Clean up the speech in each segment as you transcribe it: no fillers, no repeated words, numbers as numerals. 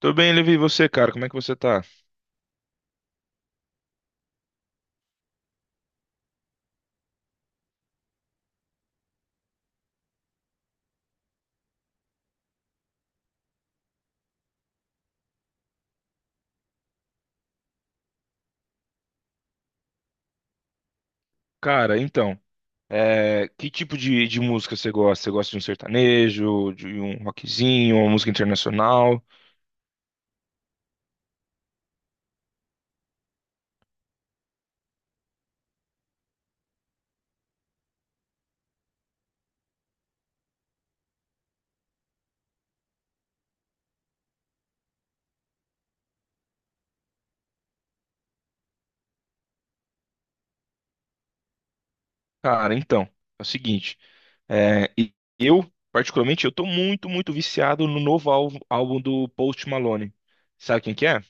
Tô bem, Levi, e você, cara? Como é que você tá? Cara, então, que tipo de música você gosta? Você gosta de um sertanejo, de um rockzinho, uma música internacional? Cara, então, é o seguinte, é, e- eu, particularmente, eu tô muito viciado no novo álbum do Post Malone. Sabe quem que é?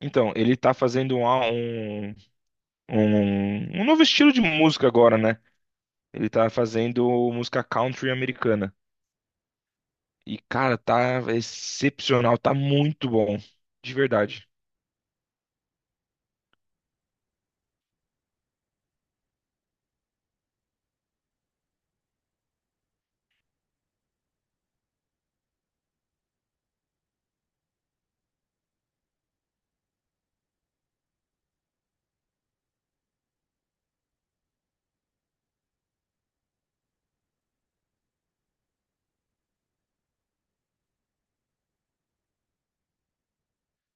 Então, ele tá fazendo um novo estilo de música agora, né? Ele tá fazendo música country americana. E, cara, tá excepcional, tá muito bom. De verdade.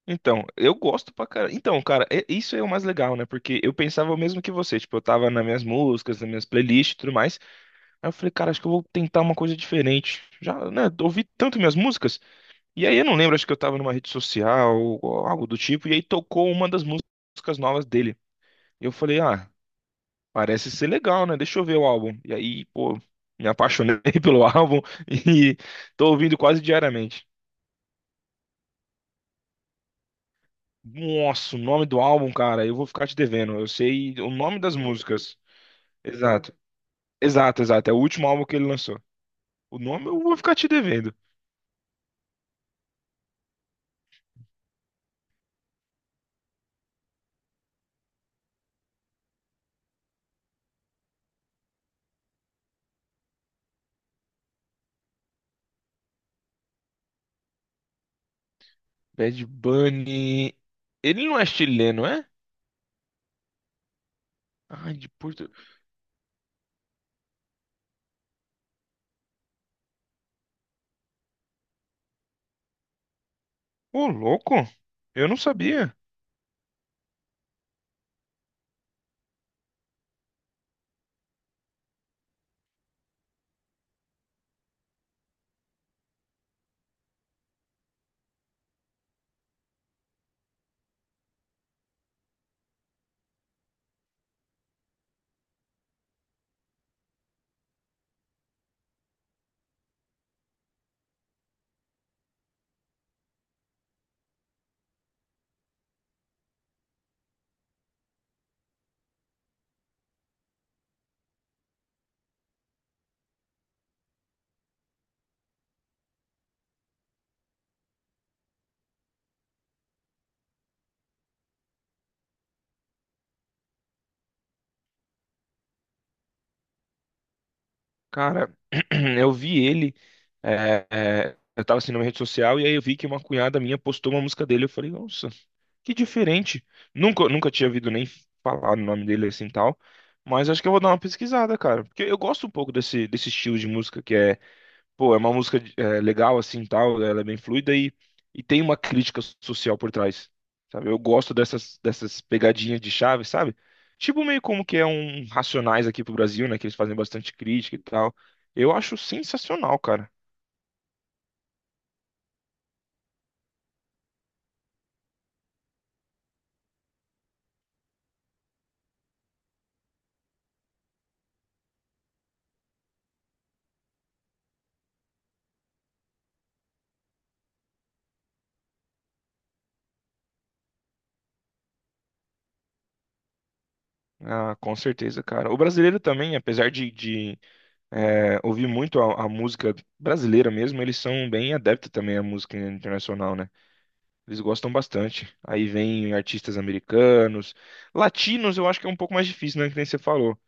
Então, eu gosto pra cara. Então, cara, isso é o mais legal, né? Porque eu pensava o mesmo que você. Tipo, eu tava nas minhas músicas, nas minhas playlists e tudo mais. Aí eu falei, cara, acho que eu vou tentar uma coisa diferente. Já, né? Ouvi tanto minhas músicas. E aí eu não lembro, acho que eu tava numa rede social ou algo do tipo. E aí tocou uma das músicas novas dele. E eu falei, ah, parece ser legal, né? Deixa eu ver o álbum. E aí, pô, me apaixonei pelo álbum e tô ouvindo quase diariamente. Nossa, o nome do álbum, cara, eu vou ficar te devendo. Eu sei o nome das músicas. Exato. Exato, exato. É o último álbum que ele lançou. O nome eu vou ficar te devendo. Bad Bunny. Ele não é chileno, é? Ai, de Porto. Ô, louco. Eu não sabia. Cara, eu vi ele. Eu tava assim numa rede social e aí eu vi que uma cunhada minha postou uma música dele. Eu falei, nossa, que diferente. Nunca tinha ouvido nem falar o nome dele assim e tal. Mas acho que eu vou dar uma pesquisada, cara. Porque eu gosto um pouco desse estilo de música. Pô, é uma música, legal assim, tal, ela é bem fluida e tem uma crítica social por trás, sabe? Eu gosto dessas pegadinhas de chave, sabe? Tipo meio como que é um Racionais aqui pro Brasil, né, que eles fazem bastante crítica e tal. Eu acho sensacional, cara. Ah, com certeza, cara. O brasileiro também, apesar de ouvir muito a música brasileira mesmo, eles são bem adeptos também à música internacional, né? Eles gostam bastante. Aí vem artistas americanos. Latinos eu acho que é um pouco mais difícil, né? Que nem você falou.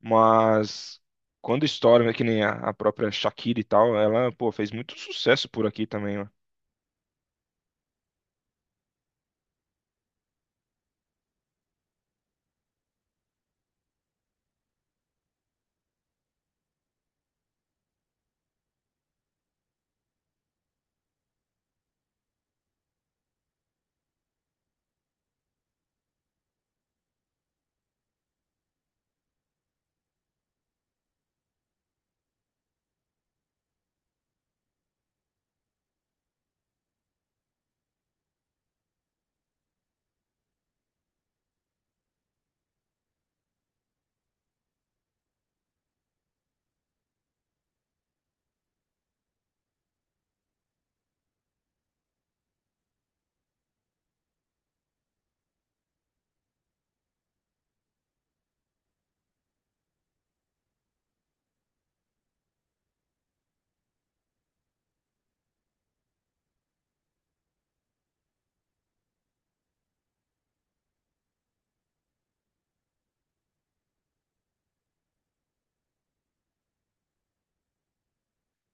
Mas quando estouram, é que nem a própria Shakira e tal, ela, pô, fez muito sucesso por aqui também, ó.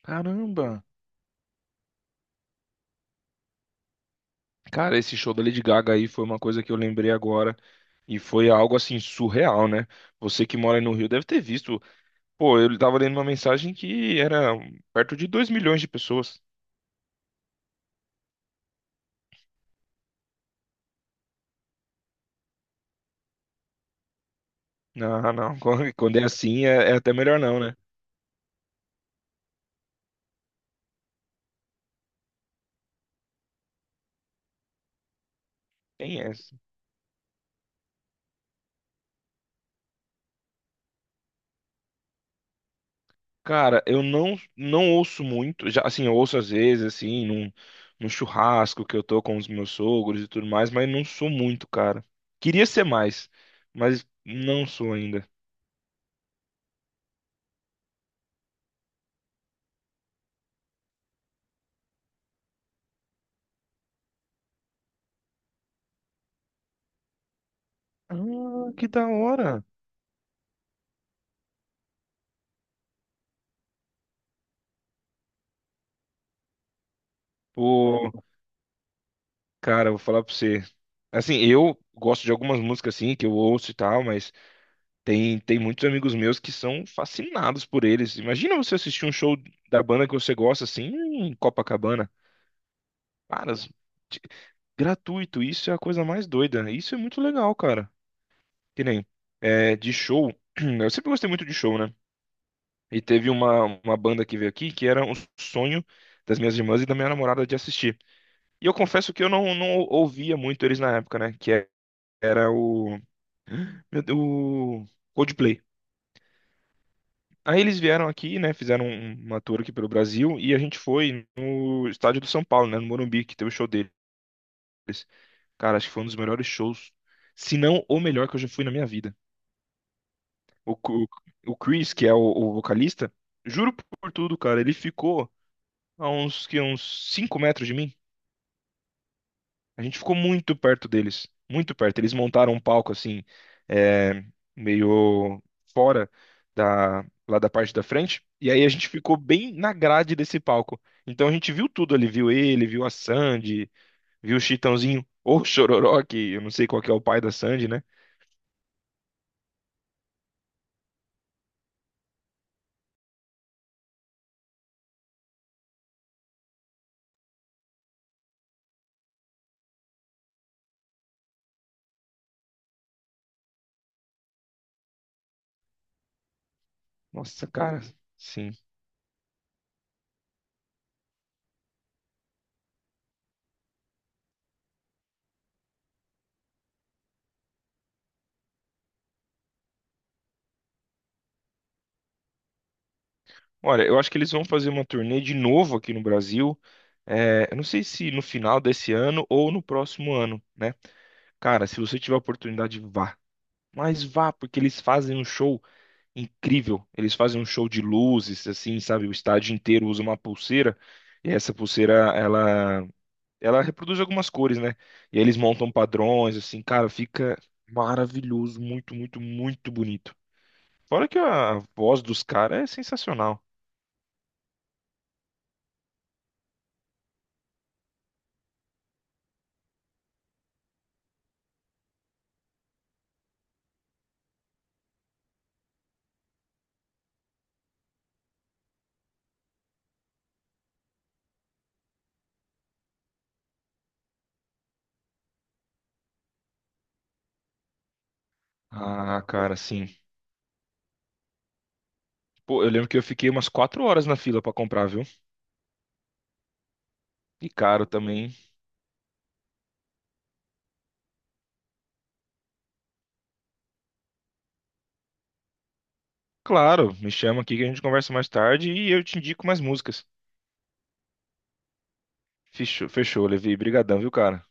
Caramba! Cara, esse show da Lady Gaga aí foi uma coisa que eu lembrei agora e foi algo assim surreal, né? Você que mora aí no Rio deve ter visto. Pô, eu tava lendo uma mensagem que era perto de 2 milhões de pessoas. Não, não, quando é assim é até melhor não, né? Quem é? Cara, eu não ouço muito, já assim, eu ouço às vezes assim, num churrasco que eu tô com os meus sogros e tudo mais, mas não sou muito, cara. Queria ser mais, mas não sou ainda. Ah, que da hora. Pô, cara, eu vou falar pra você. Assim, eu gosto de algumas músicas assim que eu ouço e tal, mas tem muitos amigos meus que são fascinados por eles. Imagina você assistir um show da banda que você gosta assim, em Copacabana. Cara, s- de- Gratuito, isso é a coisa mais doida. Né? Isso é muito legal, cara. Que nem é, de show. Eu sempre gostei muito de show, né? E teve uma banda que veio aqui que era um sonho das minhas irmãs e da minha namorada de assistir. E eu confesso que eu não ouvia muito eles na época, né? Que é- era o, meu Deus, o Coldplay. Aí eles vieram aqui, né? Fizeram uma tour aqui pelo Brasil e a gente foi no estádio do São Paulo, né? No Morumbi, que teve o show deles. Cara, acho que foi um dos melhores shows, se não o melhor que eu já fui na minha vida. O, Cu- o Chris, que é o vocalista, juro por tudo, cara, ele ficou a uns 5 metros de mim. A gente ficou muito perto deles, muito perto. Eles montaram um palco assim, é, meio fora da, lá da parte da frente, e aí a gente ficou bem na grade desse palco. Então a gente viu tudo ali, viu ele, viu a Sandy, viu o Chitãozinho, ou o Chororó, que eu não sei qual que é o pai da Sandy, né? Nossa, cara, sim. Olha, eu acho que eles vão fazer uma turnê de novo aqui no Brasil. É, eu não sei se no final desse ano ou no próximo ano, né? Cara, se você tiver a oportunidade, vá. Mas vá, porque eles fazem um show incrível. Eles fazem um show de luzes, assim, sabe? O estádio inteiro usa uma pulseira. E essa pulseira, ela reproduz algumas cores, né? E eles montam padrões, assim, cara, fica maravilhoso, muito, muito, muito bonito. Fora que a voz dos caras é sensacional. Ah, cara, sim. Pô, eu lembro que eu fiquei umas 4 horas na fila pra comprar, viu? E caro também. Claro, me chama aqui que a gente conversa mais tarde e eu te indico mais músicas. Fechou, fechou, Levi. Brigadão, viu, cara?